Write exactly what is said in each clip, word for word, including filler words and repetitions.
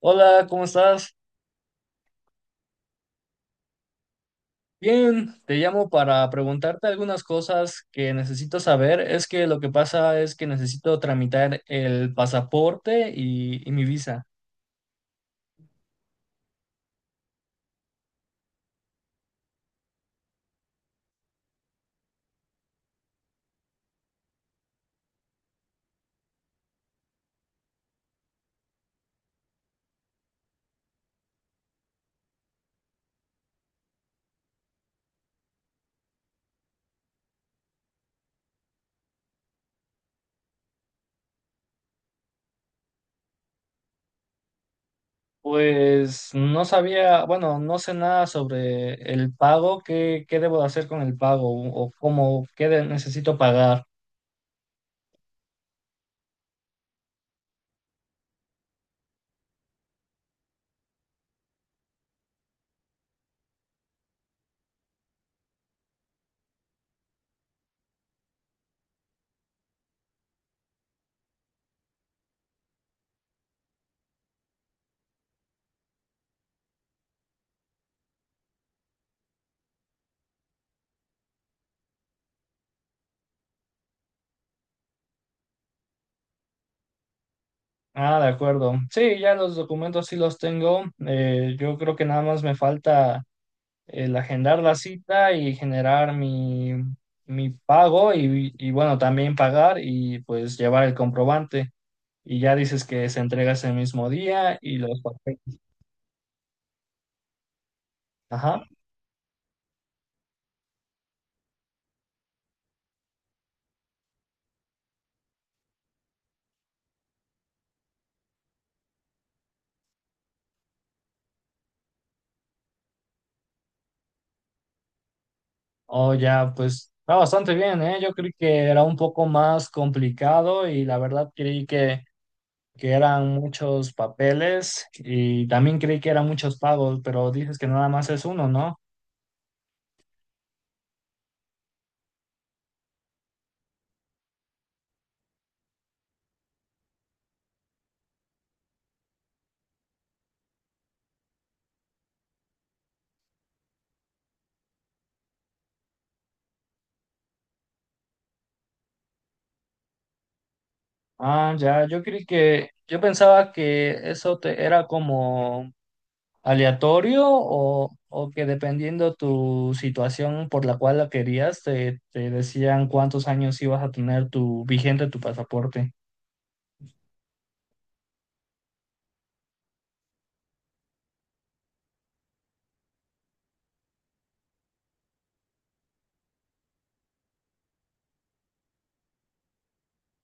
Hola, ¿cómo estás? Bien, te llamo para preguntarte algunas cosas que necesito saber. Es que lo que pasa es que necesito tramitar el pasaporte y, y mi visa. Pues no sabía, bueno, no sé nada sobre el pago, qué, qué debo de hacer con el pago o cómo, qué de- necesito pagar. Ah, de acuerdo. Sí, ya los documentos sí los tengo. Eh, yo creo que nada más me falta el agendar la cita y generar mi, mi pago y, y bueno, también pagar y pues llevar el comprobante. Y ya dices que se entrega ese mismo día y los papeles. Ajá. O ya, pues está bastante bien, ¿eh? Yo creí que era un poco más complicado y la verdad creí que, que eran muchos papeles y también creí que eran muchos pagos, pero dices que nada más es uno, ¿no? Ah, ya, yo creí que, yo pensaba que eso te era como aleatorio o, o que dependiendo tu situación por la cual la querías, te, te decían cuántos años ibas a tener tu vigente tu pasaporte.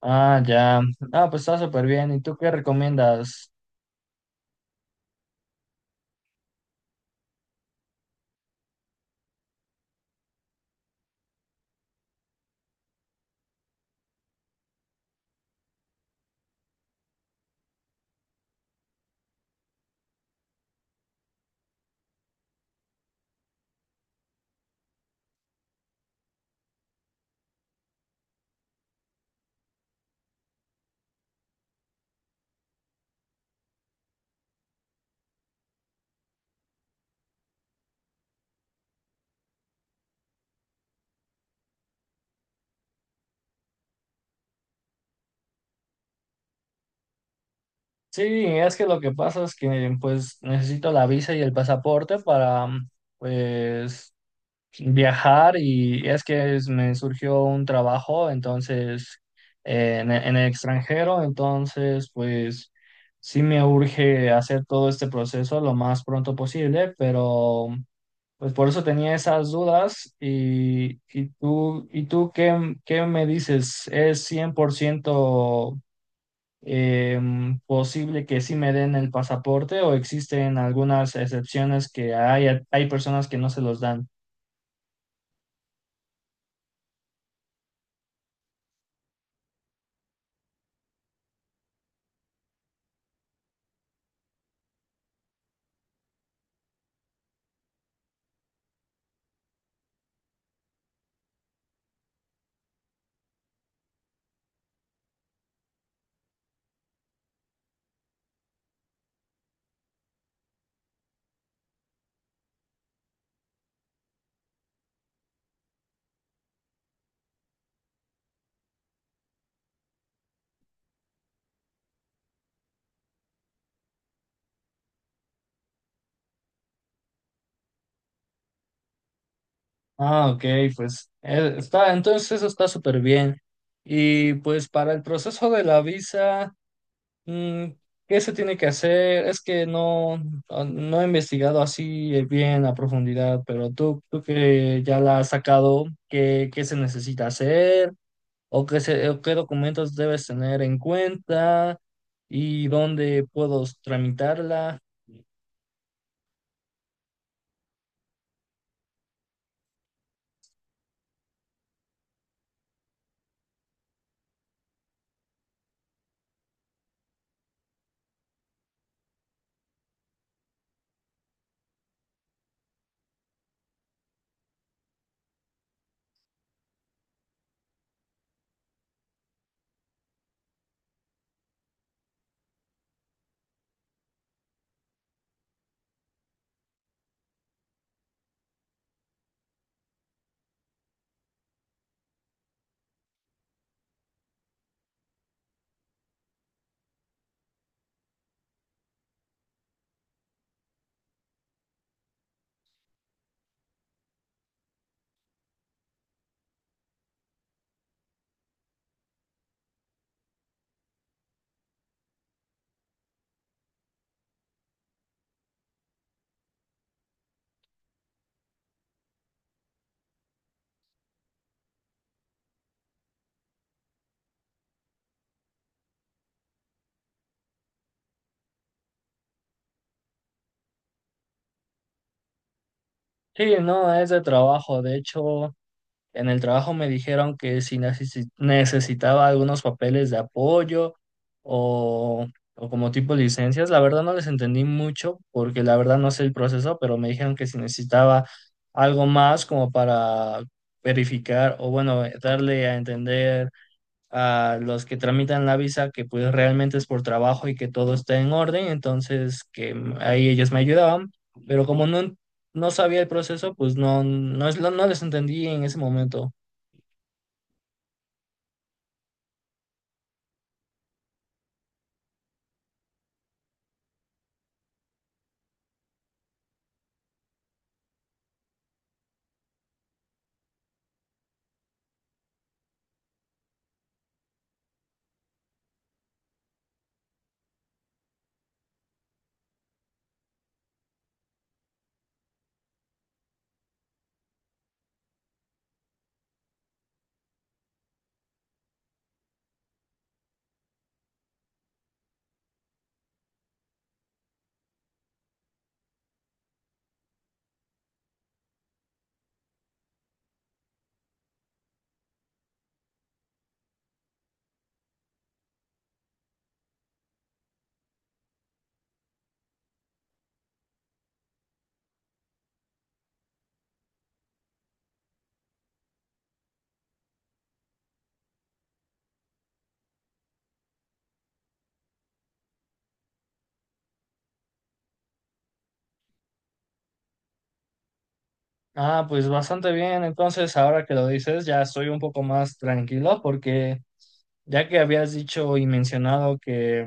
Ah, ya. Ah, pues está súper bien. ¿Y tú qué recomiendas? Sí, es que lo que pasa es que pues necesito la visa y el pasaporte para pues viajar y es que es- me surgió un trabajo, entonces, eh, en, en el extranjero, entonces, pues sí me urge hacer todo este proceso lo más pronto posible, pero pues por eso tenía esas dudas y, y tú, ¿Y tú qué, qué me dices? ¿Es cien por ciento em, posible que sí me den el pasaporte o existen algunas excepciones que hay, hay personas que no se los dan? Ah, ok, pues eh, está, entonces eso está súper bien. Y pues para el proceso de la visa, mm, ¿qué se tiene que hacer? Es que no, ah, no he investigado así eh, bien a profundidad, pero tú, tú que ya la has sacado, ¿qué, qué se necesita hacer? ¿O qué, se- o qué documentos debes tener en cuenta? ¿Y dónde puedo tramitarla? Sí, no, es de trabajo, de hecho. En el trabajo me dijeron que si necesi- necesitaba algunos papeles de apoyo o, o como tipo licencias, la verdad no les entendí mucho porque la verdad no sé el proceso, pero me dijeron que si necesitaba algo más como para verificar o bueno, darle a entender a los que tramitan la visa que pues realmente es por trabajo y que todo está en orden, entonces que ahí ellos me ayudaban, pero como no, no sabía el proceso, pues no, no, es- no no les entendí en ese momento. Ah, pues bastante bien. Entonces, ahora que lo dices, ya estoy un poco más tranquilo porque ya que habías dicho y mencionado que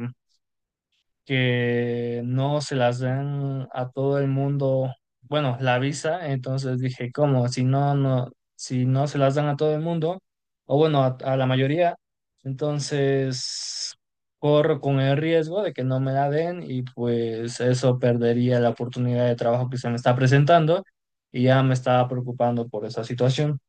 que no se las dan a todo el mundo, bueno, la visa, entonces dije, ¿cómo? Si no, no, si no se las dan a todo el mundo, o bueno, a, a la mayoría, entonces corro con el riesgo de que no me la den y pues eso perdería la oportunidad de trabajo que se me está presentando y ya me estaba preocupando por esa situación.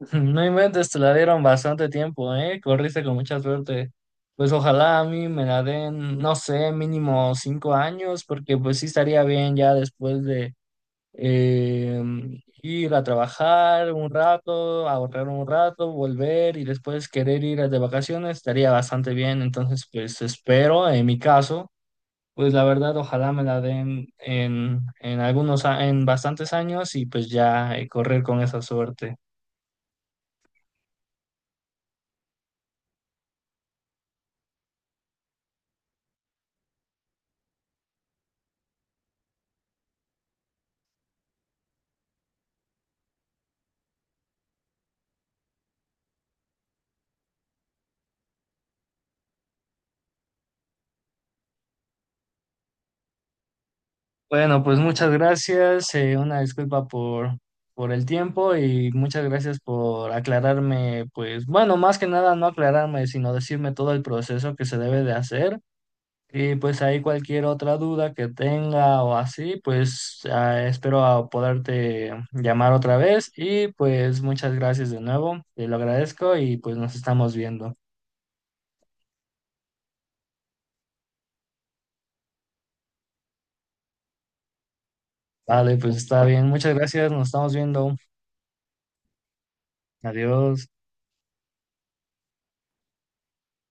No inventes, te la dieron bastante tiempo, ¿eh? Corriste con mucha suerte. Pues ojalá a mí me la den, no sé, mínimo cinco años, porque pues sí estaría bien ya después de eh, ir a trabajar un rato, ahorrar un rato, volver y después querer ir de vacaciones, estaría bastante bien. Entonces, pues espero, en mi caso, pues la verdad, ojalá me la den en, en algunos, a- en bastantes años y pues ya eh, correr con esa suerte. Bueno, pues muchas gracias, eh, una disculpa por, por el tiempo y muchas gracias por aclararme, pues bueno, más que nada no aclararme, sino decirme todo el proceso que se debe de hacer y pues ahí cualquier otra duda que tenga o así, pues ah, espero a poderte llamar otra vez y pues muchas gracias de nuevo, te lo agradezco y pues nos estamos viendo. Vale, pues está bien, muchas gracias, nos estamos viendo, adiós.